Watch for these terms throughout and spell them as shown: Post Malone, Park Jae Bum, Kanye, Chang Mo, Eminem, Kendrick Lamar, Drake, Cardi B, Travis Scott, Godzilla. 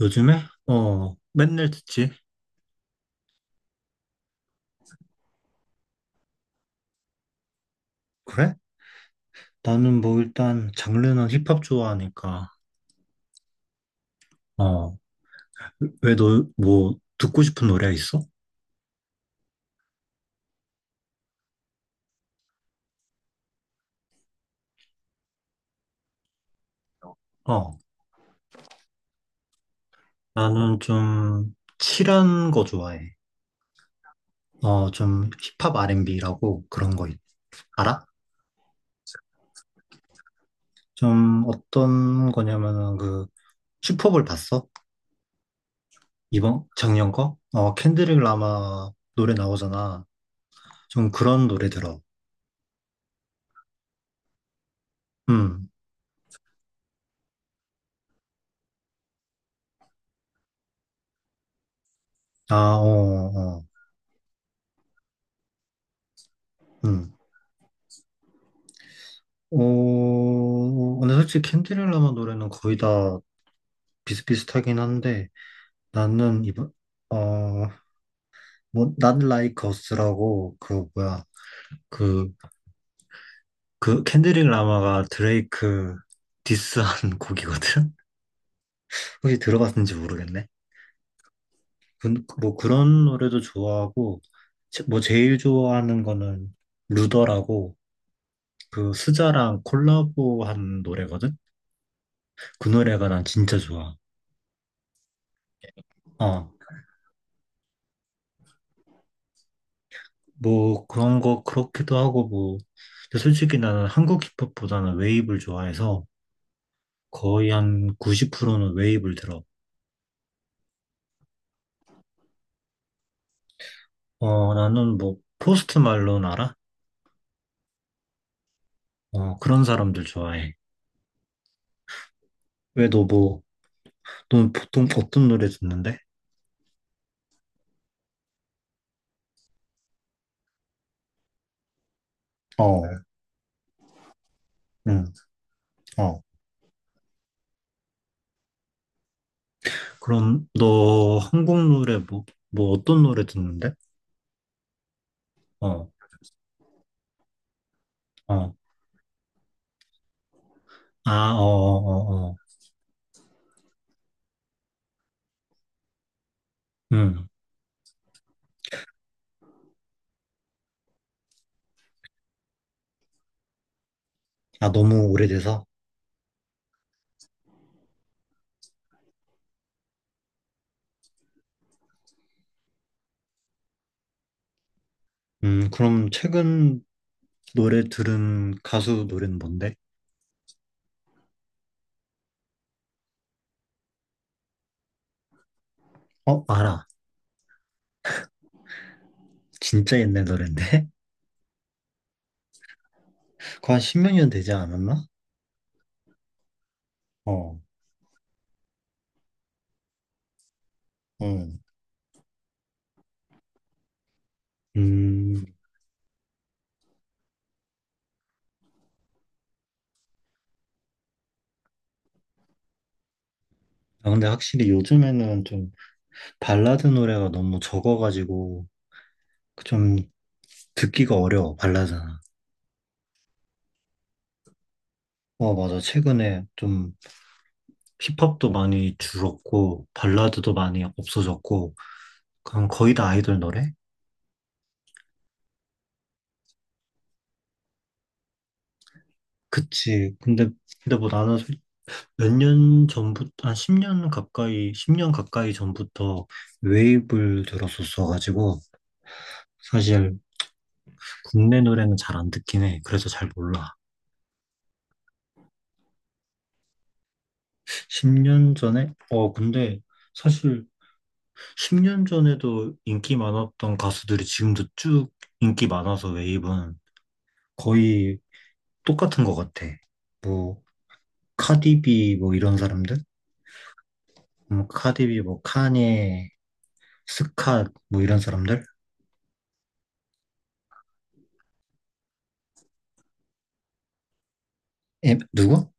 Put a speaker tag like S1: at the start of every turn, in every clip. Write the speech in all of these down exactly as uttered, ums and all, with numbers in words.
S1: 요즘에? 어, 맨날 듣지. 그래? 나는 뭐 일단 장르는 힙합 좋아하니까. 어, 왜 너 뭐 듣고 싶은 노래 있어? 어, 나는 좀 칠한 거 좋아해. 어, 좀 힙합 알앤비라고 그런 거 있- 알아? 좀 어떤 거냐면은 그 슈퍼볼 봤어? 이번 작년 거? 어, 켄드릭 라마 노래 나오잖아. 좀 그런 노래 들어. 음. 아, 어, 어. 음. 어, 근데 솔직히 캔디렐라마 노래는 거의 다 비슷비슷하긴 한데, 나는 이번, 어, 뭐, Not Like Us라고, 그, 뭐야, 그, 그 캔디렐라마가 드레이크 디스한 곡이거든? 혹시 들어봤는지 모르겠네. 그- 뭐 그런 노래도 좋아하고, 제- 뭐 제일 좋아하는 거는 루더라고, 그 스자랑 콜라보한 노래거든? 그 노래가 난 진짜 좋아. 어. 뭐 그런 거 그렇기도 하고 뭐 근데 솔직히 나는 한국 힙합보다는 웨이브를 좋아해서 거의 한 구십 퍼센트는 웨이브를 들어. 어 나는 뭐 포스트 말론 알아? 어 그런 사람들 좋아해. 왜 너 뭐 넌 보통 어떤 노래 듣는데? 어, 응, 어. 그럼 너 한국 노래 뭐 뭐 어떤 노래 듣는데? 어, 어, 아, 어, 어, 어, 어. 음. 아 너무 오래돼서. 음 그럼 최근 노래 들은 가수 노래는 뭔데? 어, 알아. 진짜 옛날 노랜데? 그거 한 십몇 년 되지 않았나? 어, 응. 음. 아, 근데 확실히 요즘에는 좀 발라드 노래가 너무 적어가지고 좀 듣기가 어려워, 발라드는. 어, 맞아. 최근에 좀 힙합도 많이 줄었고, 발라드도 많이 없어졌고, 그냥 거의 다 아이돌 노래? 그치. 근데, 근데 뭐 나는 몇 년 전부터, 한 십 년 가까이, 십 년 가까이 전부터 웨이브를 들었었어가지고, 사실 국내 노래는 잘 안 듣긴 해. 그래서 잘 몰라. 십 년 전에? 어, 근데 사실 십 년 전에도 인기 많았던 가수들이 지금도 쭉 인기 많아서 웨이브는 거의 똑같은 것 같아. 뭐 카디비 뭐 이런 사람들? 음, 카디비 뭐 카니, 스캇 뭐 이런 사람들? 에, 누구?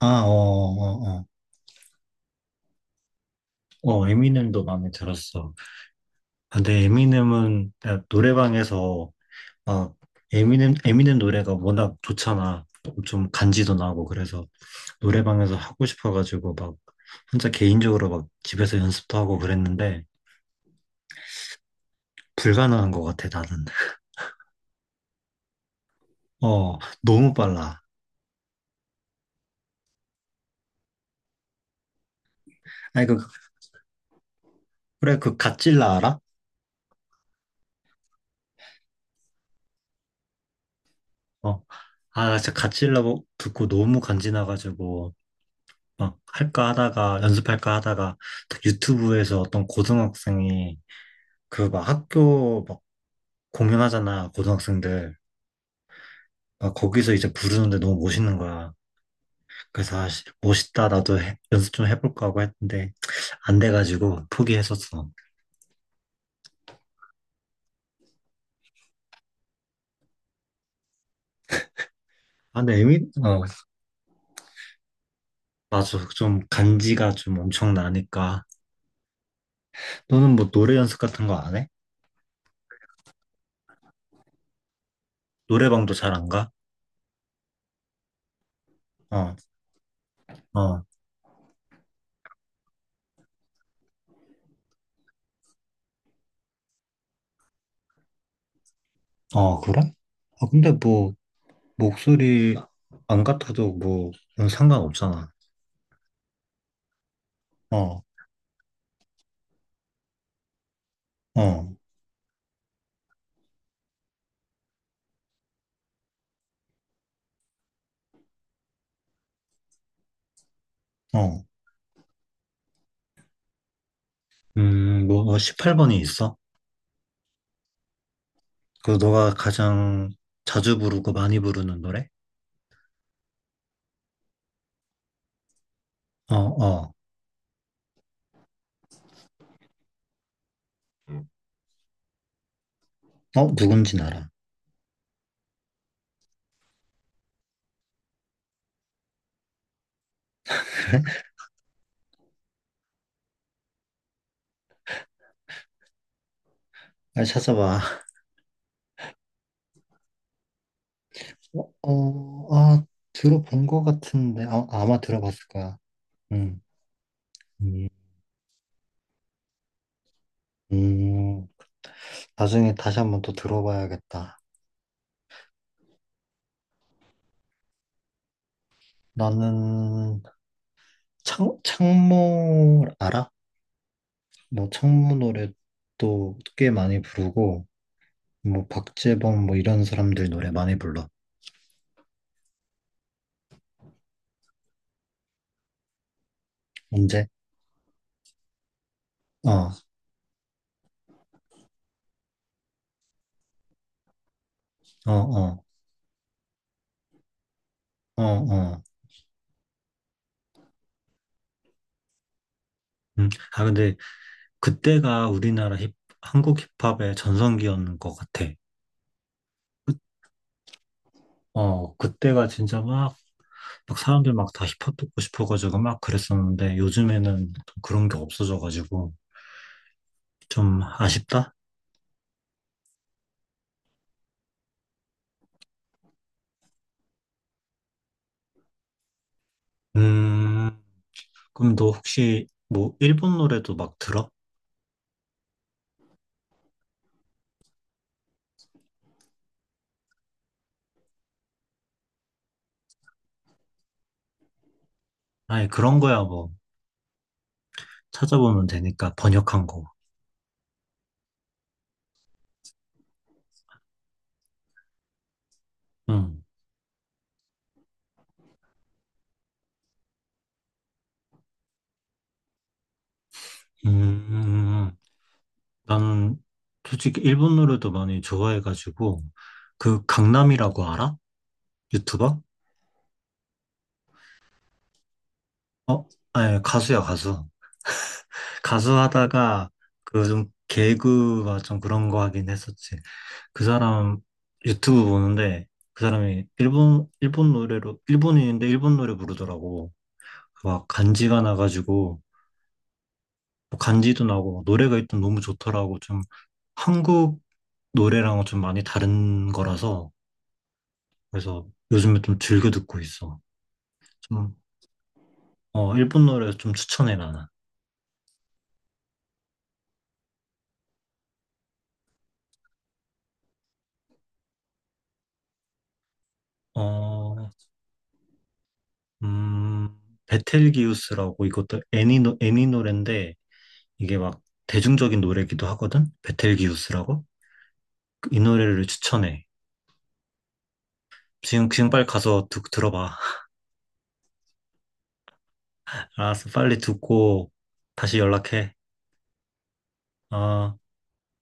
S1: 아, 어, 어, 어. 어, 어, 에미넴도 마음에 들었어. 근데 에미넴은 그냥 노래방에서 아, 에미넴, 에미넴 노래가 워낙 좋잖아. 좀 간지도 나고 그래서 노래방에서 하고 싶어가지고 막 혼자 개인적으로 막 집에서 연습도 하고 그랬는데 불가능한 것 같아 나는. 어, 너무 빨라. 아니 그 그래 그 갓질라 알아? 어, 아 진짜 갓질라 뭐 듣고 너무 간지나가지고 막 할까 하다가 연습할까 하다가 딱 유튜브에서 어떤 고등학생이 그 막 학교 막 공연하잖아 고등학생들. 아, 거기서 이제 부르는데 너무 멋있는 거야. 그래서 아, 씨, 멋있다. 나도 해- 연습 좀 해볼까 하고 했는데 안 돼가지고 포기했었어. 아, 근데 에미, 어, 맞아. 좀 간지가 좀 엄청 나니까. 너는 뭐 노래 연습 같은 거 안 해? 노래방도 잘 안 가? 어, 어, 어, 그래? 아, 근데 뭐 목소리 안 같아도 뭐 그건 상관없잖아. 어, 어, 어. 음, 뭐 십팔 번이 있어? 그 너가 가장 자주 부르고 많이 부르는 노래? 어, 어. 어, 누군진 알아. 빨리 찾아봐. 어, 어, 아, 들어본 것 같은데. 아, 아마 들어봤을 거야. 음, 음, 음. 나중에 다시 한번 또 들어봐야겠다. 나는 창, 창모 알아? 뭐 창모 노래도 꽤 많이 부르고, 뭐 박재범 뭐 이런 사람들 노래 많이 불러. 언제? 어, 어, 어, 어, 어. 음. 아, 근데 그때가 우리나라 힙, 한국 힙합의 전성기였는 것 같아. 어, 그때가 진짜 막, 막 사람들 막 다 힙합 듣고 싶어가지고 막 그랬었는데 요즘에는 좀 그런 게 없어져가지고 좀 아쉽다? 음, 그럼 너 혹시 뭐 일본 노래도 막 들어? 아니, 그런 거야 뭐 찾아보면 되니까 번역한 거. 응. 음, 나는 솔직히 일본 노래도 많이 좋아해가지고 그 강남이라고 알아? 유튜버? 어? 아니, 가수야, 가수. 가수 하다가 그 좀 개그가 좀 그런 거 하긴 했었지. 그 사람 유튜브 보는데 그 사람이 일본 일본 노래로 일본인인데 일본 노래 부르더라고. 막 간지가 나가지고 뭐 간지도 나고 막 노래가 일단 너무 좋더라고. 좀 한국 노래랑은 좀 많이 다른 거라서 그래서 요즘에 좀 즐겨 듣고 있어. 좀 어, 일본 노래 좀 추천해 나는. 어, 음, 베텔기우스라고 이것도 애니 노 애니 노래인데 이게 막 대중적인 노래기도 하거든? 베텔기우스라고? 이 노래를 추천해. 지금, 지금 빨리 가서 듣, 들어봐. 알았어, 빨리 듣고 다시 연락해. 어.